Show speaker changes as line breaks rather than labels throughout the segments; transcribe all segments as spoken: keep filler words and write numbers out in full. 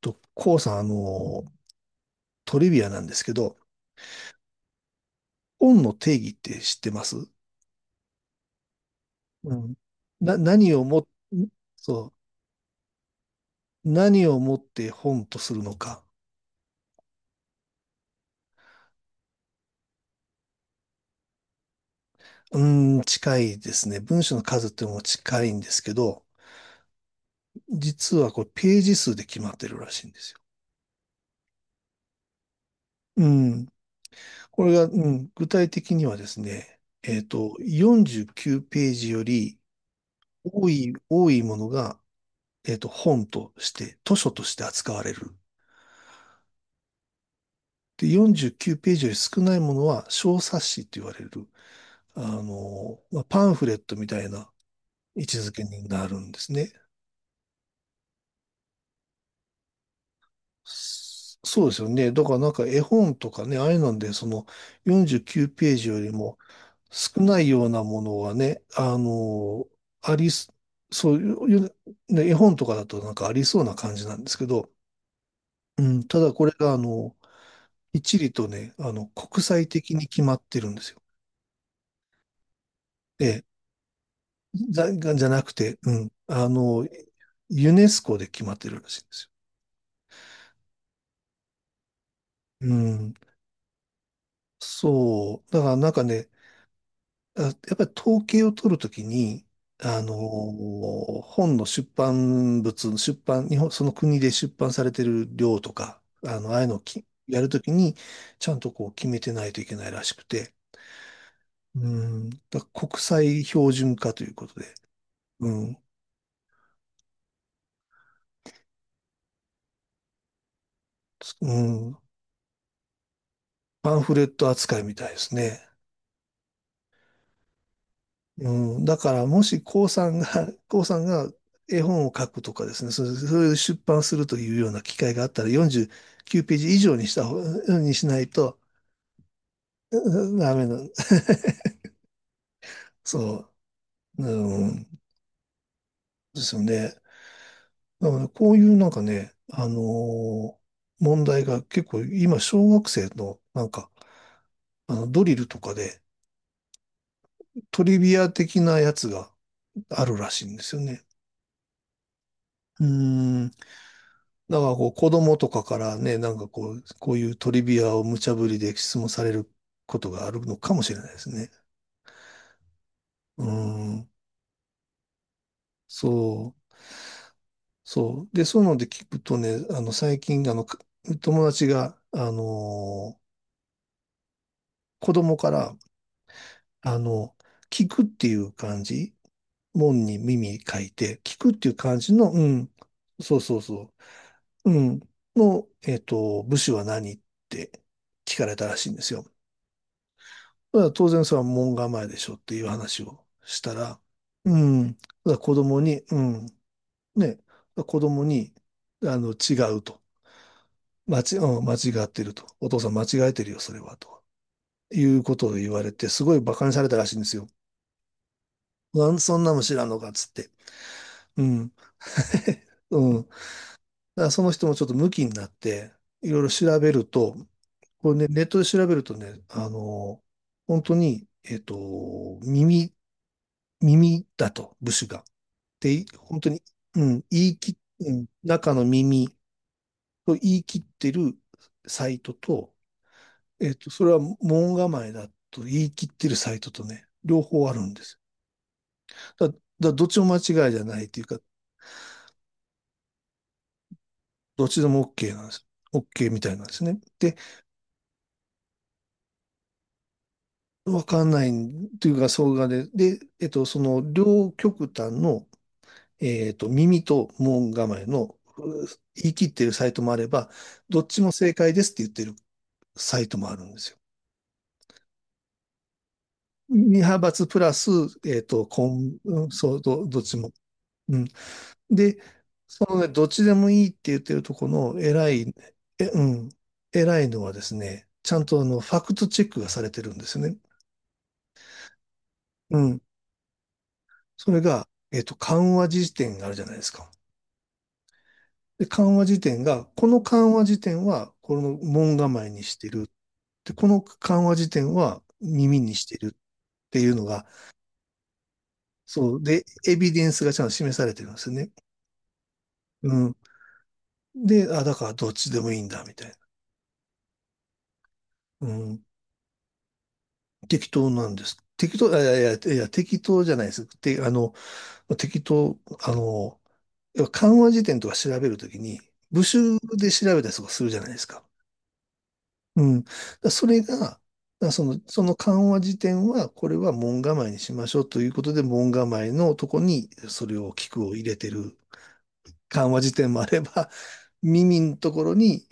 と、こうさん、あの、トリビアなんですけど、本の定義って知ってます？うん。な、何をも、そう、何をもって本とするのか。うーん、近いですね。文章の数っていうのも近いんですけど、実はこれページ数で決まってるらしいんですよ。うん。これが、うん、具体的にはですね、えっと、よんじゅうきゅうページより多い、多いものが、えっと、本として、図書として扱われる。で、よんじゅうきゅうページより少ないものは小冊子って言われる、あの、まあ、パンフレットみたいな位置づけになるんですね。そそうですよね。だからなんか絵本とかね、ああいうので、そのよんじゅうきゅうページよりも少ないようなものはね、あの、ありす、そういう、ね、絵本とかだとなんかありそうな感じなんですけど、うん、ただこれがあの、一理とね、あの、国際的に決まってるんですよ。えじゃ、がじゃなくて、うん。あの、ユネスコで決まってるらしいんですよ。うん。そう。だからなんかね、あやっぱり統計を取るときに、あのー、本の出版物、出版、日本、その国で出版されてる量とか、あの、ああいうのをきやるときに、ちゃんとこう決めてないといけないらしくて、うん。だから国際標準化ということで、うん。うん。パンフレット扱いみたいですね。うん、だからもし、こうさんが、こうさんが絵本を書くとかですね、それそれで出版するというような機会があったらよんじゅうきゅうページ以上にした方、にしないと、うんダメな、そう、うん、ですよね。だからこういうなんかね、あのー問題が結構今、小学生のなんか、あのドリルとかでトリビア的なやつがあるらしいんですよね。うん。だからこう子供とかからね、なんかこう、こういうトリビアを無茶ぶりで質問されることがあるのかもしれないですね。うん、そう、そう。で、そういうので聞くとね、あの、最近、あの、か友達が、あのー子供から、あの、聞くっていう感じ、門に耳書いて、聞くっていう感じの、うん、そうそうそう、うん、の、えっと、部首は何って聞かれたらしいんですよ。まあ当然それは門構えでしょっていう話をしたら、うん、だから子供に、うん、ね、子供に、あの、違うと。間ち、うん、間違ってると。お父さん間違えてるよ、それは、と。いうことを言われて、すごい馬鹿にされたらしいんですよ。なんそんなも知らんのか、つって。うん。うん。だからその人もちょっとムキになって、いろいろ調べると、これね、ネットで調べるとね、あの、本当に、えっと、耳、耳だと、部首が。て本当に、うん、言い切、うん、中の耳と言い切ってるサイトと、えっと、それは門構えだと言い切ってるサイトとね、両方あるんですよ。だ、だからどっちも間違いじゃないというか、どっちでも OK なんです。OK みたいなんですね。で、わかんないというか、そうがで、で、えっと、その両極端の、えっと、耳と門構えのう言い切ってるサイトもあれば、どっちも正解ですって言ってるサイトもあるんですよ。二派閥プラス、えっと、こん、うんそう、ど、どっちも。うん。で、そのね、どっちでもいいって言ってるところの偉い、え、うん、偉いのはですね、ちゃんとあの、ファクトチェックがされてるんですよね。うん。それが、えっと、緩和辞典があるじゃないですか。で、緩和辞典が、この緩和辞典は、この門構えにしてる。で、この緩和辞典は耳にしてるっていうのが、そう。で、エビデンスがちゃんと示されてるんですよね。うん。で、あ、だからどっちでもいいんだ、みたいな。うん、適当なんです。適当、あいやいや、いや、適当じゃないです。て、あの、適当、あの、要は漢和辞典とか調べるときに、部首で調べたりとかするじゃないですか。うん。だからそれが、だからその、その漢和辞典は、これは門構えにしましょうということで、門構えのとこに、それを、聞くを入れてる緩和辞典もあれば、耳のところに、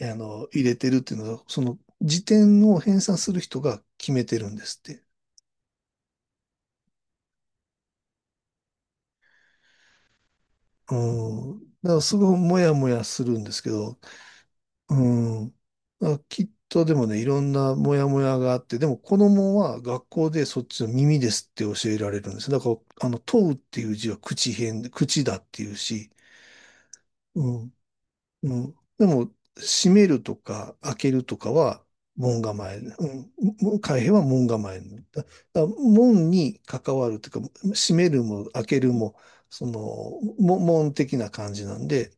あの、入れてるっていうのは、その辞典を編纂する人が決めてるんですって。うん。だからすごいもやもやするんですけど、うん。あ、きっとでもね、いろんなモヤモヤがあって、でも子供は学校でそっちの耳ですって教えられるんです。だから、あの、問うっていう字は口偏、口だっていうし、ううん。でも、閉めるとか開けるとかは門構え。うん。開閉は門構え。だ、だ門に関わるというか、閉めるも開けるも、その、も門的な感じなんで、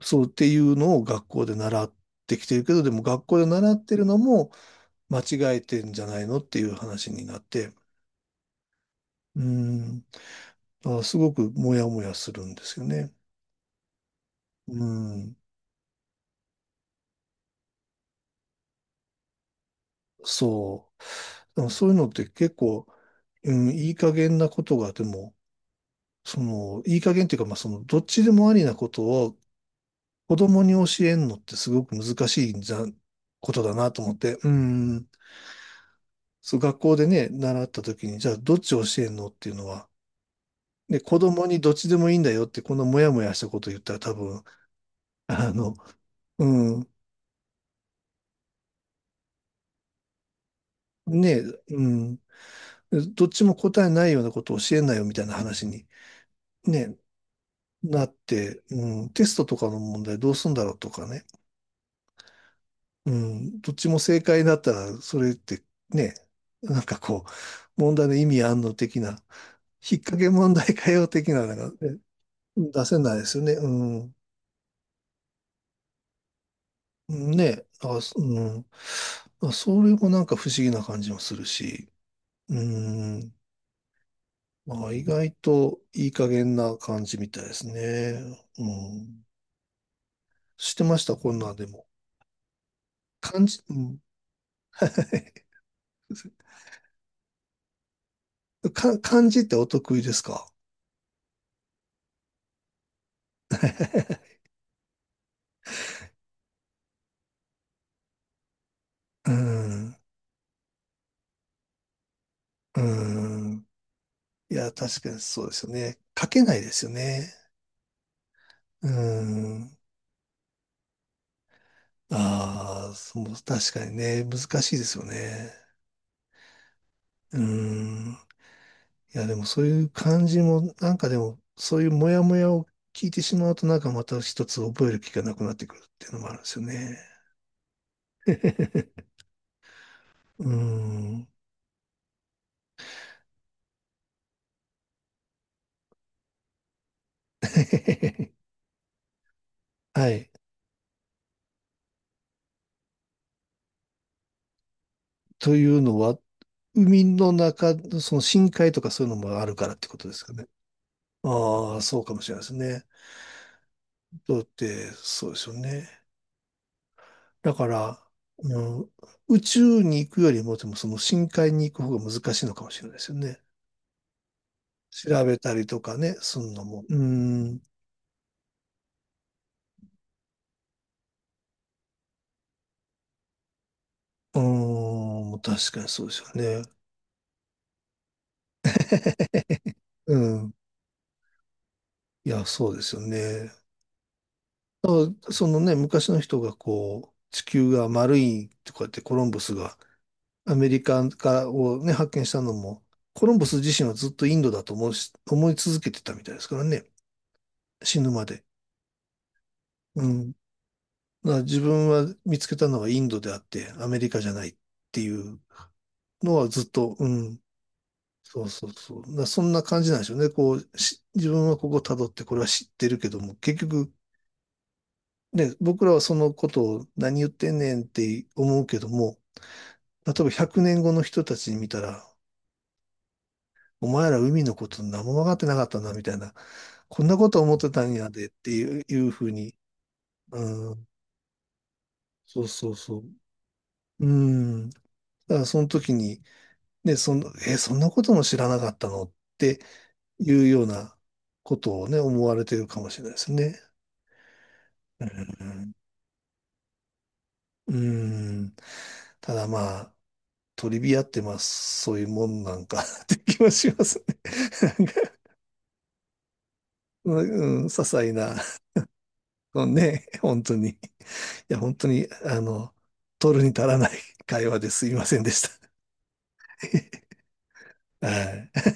そうっていうのを学校で習ってきてるけど、でも学校で習ってるのも間違えてんじゃないのっていう話になって、うん。あ、すごくモヤモヤするんですよね。うん。そう。でもそういうのって結構、うん、いい加減なことが、でも、その、いい加減っていうか、まあ、その、どっちでもありなことを子供に教えんのってすごく難しいんじゃ、ことだなと思って、うん、そう、学校でね、習った時に、じゃあ、どっち教えんのっていうのは、で、子供にどっちでもいいんだよって、このモヤモヤしたこと言ったら多分、あの、うん、ね、うん、どっちも答えないようなことを教えんなよみたいな話に、ね、なって、うん、テストとかの問題どうすんだろうとかね。うん、どっちも正解だったら、それってね、なんかこう、問題の意味あんの的な、引っ掛け問題かよ的なのがね、出せないですよね。うん。ね、あ、そうん。あそれもなんか不思議な感じもするし、うん。まあ、意外といい加減な感じみたいですね。うん。してました、こんなんでも。感じ、うん。か、漢字ってお得意ですか？ うん。うん。いや、確かにそうですよね。書けないですよね。うん。ああ、そう、確かにね、難しいですよね。うん。いや、でもそういう感じも、なんかでも、そういうモヤモヤを聞いてしまうと、なんかまた一つ覚える気がなくなってくるっていうのもあるんですよね。うん。はい。というのは、海の中の、その深海とかそういうのもあるからってことですかね。ああ、そうかもしれないですね。だって、そうですよね。だから、うん、宇宙に行くよりも、でもその深海に行く方が難しいのかもしれないですよね。調べたりとかね、すんのも。うん、うーん、確かにそうですよね。うん。いや、そうですよね。だからそのね、昔の人がこう、地球が丸いとかってコロンブスがアメリカからをね、発見したのも、コロンブス自身はずっとインドだと思うし、思い続けてたみたいですからね、死ぬまで。うん。だから自分は見つけたのはインドであって、アメリカじゃないっていうのはずっと、うん。そうそうそう。だからそんな感じなんでしょうね。こう、し自分はここ辿ってこれは知ってるけども、結局、ね、僕らはそのことを何言ってんねんって思うけども、例えばひゃくねんごの人たちに見たら、お前ら海のこと何も分かってなかったな、みたいな。こんなこと思ってたんやでっていう、いうふうに。うん。そうそうそう。うん。だからその時に、ね、その、え、そんなことも知らなかったのっていうようなことをね、思われてるかもしれないですね。うん。うん。ただまあ、トリビアってまあ、そういうもんなんか って気はしますね。なんかうん、些細な。そうね、本当に。いや、本当に、あの、取るに足らない会話ですいませんでした。はい。